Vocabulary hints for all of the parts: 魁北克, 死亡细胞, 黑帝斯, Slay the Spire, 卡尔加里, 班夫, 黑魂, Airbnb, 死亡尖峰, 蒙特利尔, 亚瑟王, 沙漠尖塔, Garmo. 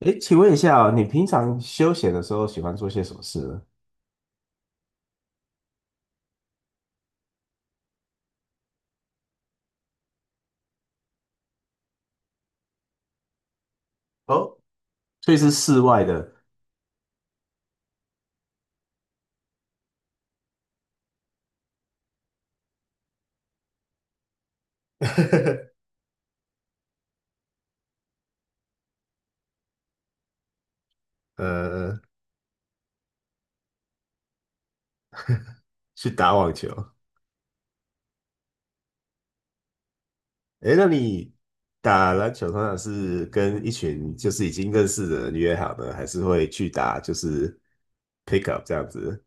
哎，请问一下哦，你平常休闲的时候喜欢做些什么事呢？哦，所以是室外的，呃，去打网球。哎，那你打篮球通常是跟一群就是已经认识的人约好呢，还是会去打就是 pick up 这样子？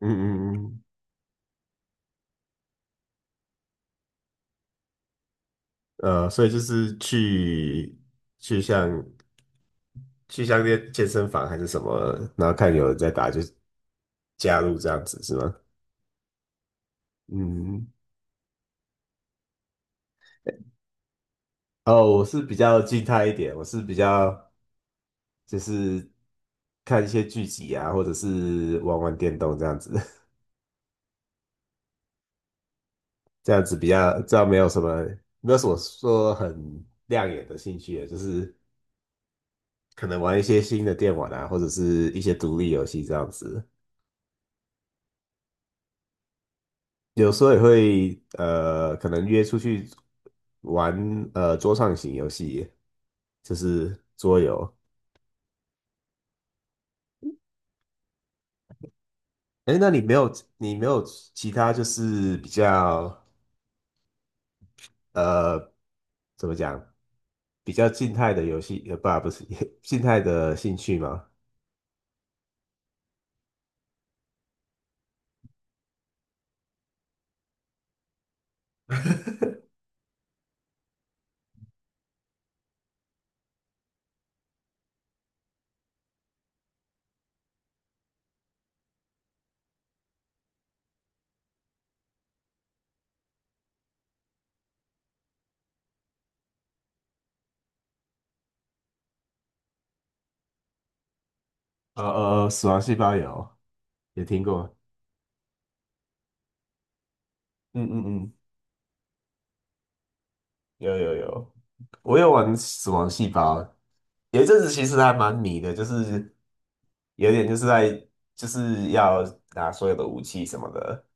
嗯嗯嗯，所以就是去像去像那些健身房还是什么，然后看有人在打就加入这样子是吗？嗯，哦，我是比较静态一点，我是比较。就是看一些剧集啊，或者是玩玩电动这样子，这样子比较这样没有什么说很亮眼的兴趣，就是可能玩一些新的电玩啊，或者是一些独立游戏这样子。有时候也会可能约出去玩桌上型游戏，就是桌游。哎，那你没有其他就是比较呃怎么讲比较静态的游戏，呃，不啊，不是 静态的兴趣吗？呃死亡细胞有听过，嗯嗯嗯，有有有，我有玩死亡细胞，有一阵子其实还蛮迷的，就是有点就是在就是要拿所有的武器什么的，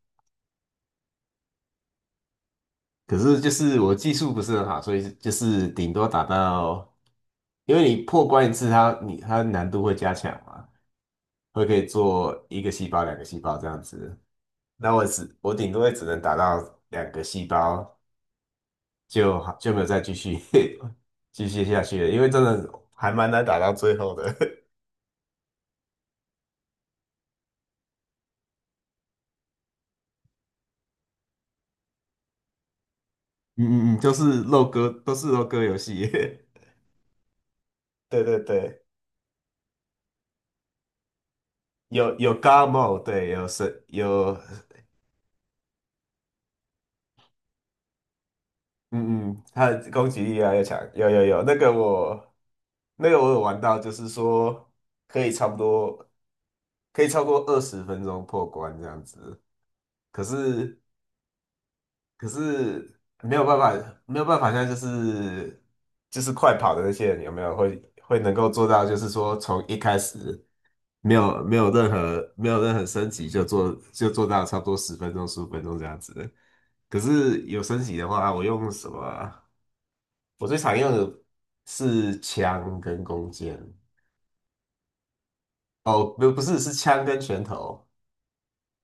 可是就是我技术不是很好，所以就是顶多打到，因为你破关一次它，你它难度会加强嘛。会可以做一个细胞、两个细胞这样子。那我顶多也只能打到两个细胞，就没有再继续 继续下去了，因为真的还蛮难打到最后的。嗯嗯嗯，就是肉鸽，都是肉鸽游戏。对对对，有 Garmo，对，有是有，嗯嗯，它的攻击力越来越强。有有有，那个我有玩到，就是说可以差不多可以超过20分钟破关这样子。可是可是没有办法，没有办法，现在就是快跑的那些人有没有会能够做到，就是说从一开始没有任何升级就做到差不多十分钟15分钟这样子。可是有升级的话，我用什么啊？我最常用的是枪跟弓箭。哦，不是，是枪跟拳头，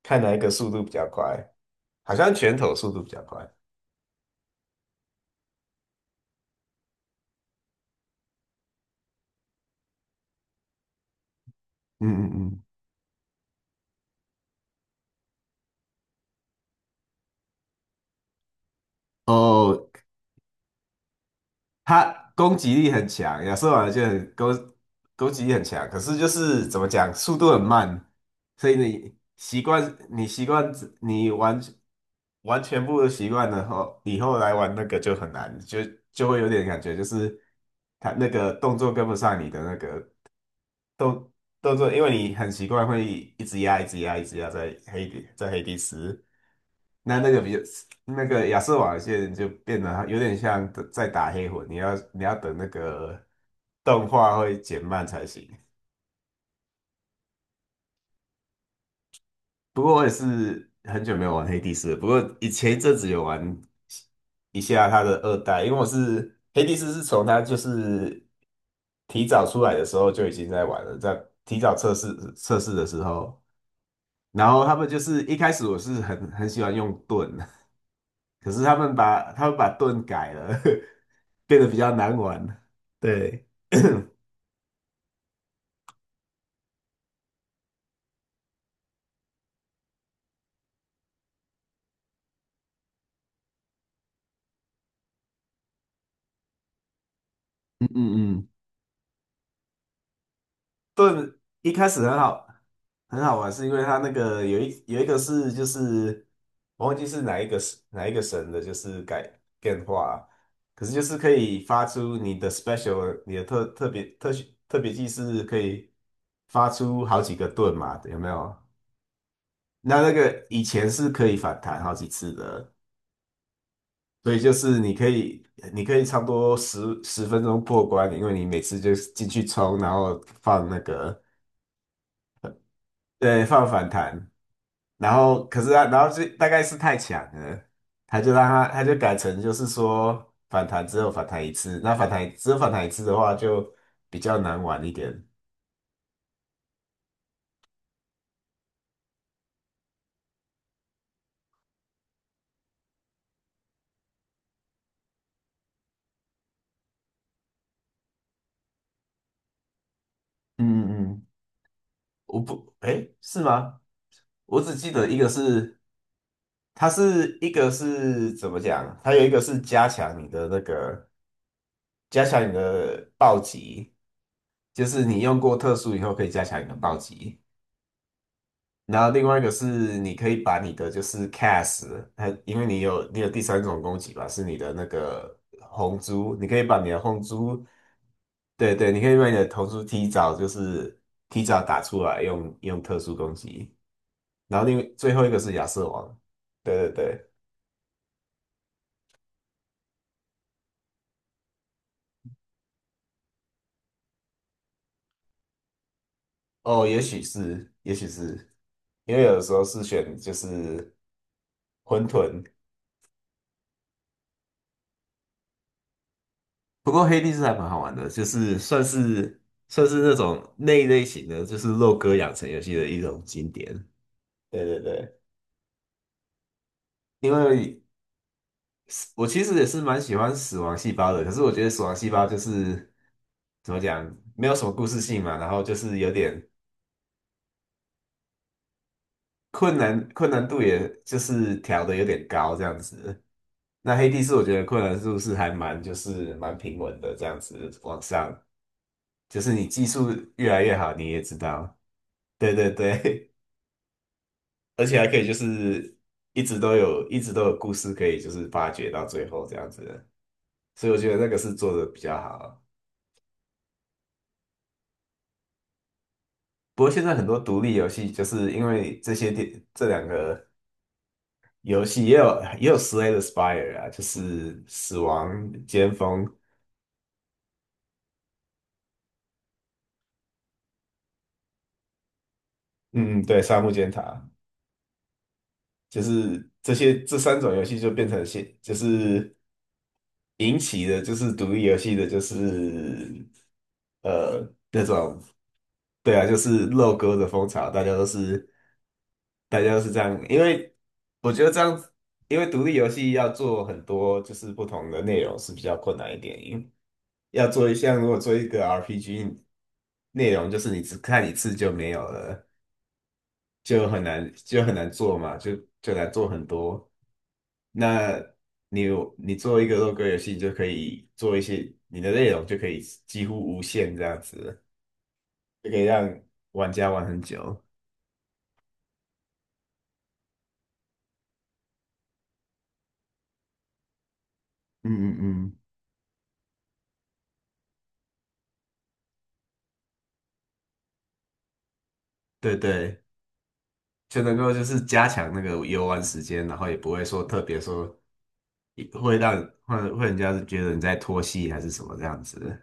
看哪一个速度比较快。好像拳头速度比较快。嗯嗯嗯。哦，他攻击力很强，亚瑟王就很攻攻击力很强，可是就是怎么讲，速度很慢，所以你习惯你完完全不习惯的后，以后来玩那个就很难，就会有点感觉就是他那个动作跟不上你的那个都都做，因为你很习惯会一直压、一直压、一直压在黑底在黑底时，那那个比较那个亚瑟瓦线就变得有点像在打黑魂，你要等那个动画会减慢才行。不过我也是很久没有玩黑帝斯了，不过以前一阵子有玩一下他的二代，因为我是黑帝斯是从他就是提早出来的时候就已经在玩了，在提早测试的时候。然后他们就是一开始我是很喜欢用盾，可是他们把盾改了，变得比较难玩。对，嗯嗯嗯，盾一开始很好玩，是因为它那个有一个是就是我忘记是哪一个神的，就是改变化，可是就是可以发出你的 special 你的特别技是可以发出好几个盾嘛，有没有？那个以前是可以反弹好几次的，所以就是你可以，你可以差不多十分钟过关，因为你每次就是进去冲，然后放那个，对，放反弹，然后就大概是太强了，他就改成就是说反弹只有反弹一次，那反弹只有反弹一次的话就比较难玩一点。嗯嗯嗯，我不，哎，是吗？我只记得一个是，它是一个是怎么讲？它有一个是加强你的那个。加强你的暴击，就是你用过特殊以后可以加强你的暴击。然后另外一个是你可以把你的就是 cast，它因为你有第三种攻击吧，是你的那个红珠，你可以把你的红珠，对对，你可以把你的红珠提早就是提早打出来用特殊攻击。然后另外最后一个是亚瑟王，对对对，哦，也许是，也许是，因为有的时候是选就是混沌，不过黑帝是还蛮好玩的，就是算是那种那一类型的，就是肉鸽养成游戏的一种经典。对对对，因为我其实也是蛮喜欢死亡细胞的，可是我觉得死亡细胞就是怎么讲，没有什么故事性嘛，然后就是有点困难，困难度也就是调的有点高这样子。那黑帝是我觉得困难度是还蛮就是蛮平稳的这样子往上，就是你技术越来越好，你也知道。对对对，而且还可以就是一直都有故事可以就是发掘到最后这样子，所以我觉得那个是做的比较好。不过现在很多独立游戏就是因为这些电这两个游戏也有 Slay the Spire 啊，就是死亡尖峰，嗯嗯，对，沙漠尖塔，就是这三种游戏就变成现就是引起的就是独立游戏的就是那种。对啊，就是肉鸽的风潮，大家都是这样，因为我觉得这样子，因为独立游戏要做很多就是不同的内容是比较困难一点，因为要做一项如果做一个 RPG 内容，就是你只看一次就没有了，就很难做嘛，就难做很多。那你有你做一个肉鸽游戏，你就可以做一些你的内容就可以几乎无限这样子，就可以让玩家玩很久。嗯嗯嗯，对对，就能够就是加强那个游玩时间，然后也不会说特别说会让会会人家觉得你在拖戏还是什么这样子，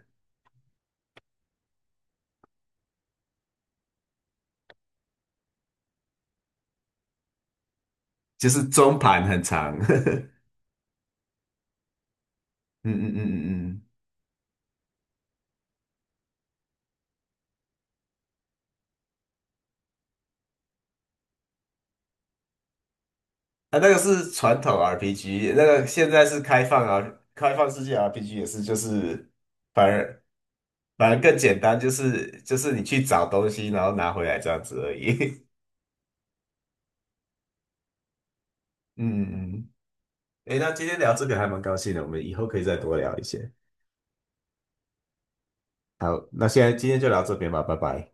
就是中盘很长。嗯嗯嗯嗯嗯，啊，那个是传统 RPG，那个现在是开放啊，开放世界 RPG 也是就是反而反而更简单，就是你去找东西然后拿回来这样子而已。嗯嗯嗯，诶，那今天聊这个还蛮高兴的，我们以后可以再多聊一些。好，那现在今天就聊这边吧，拜拜。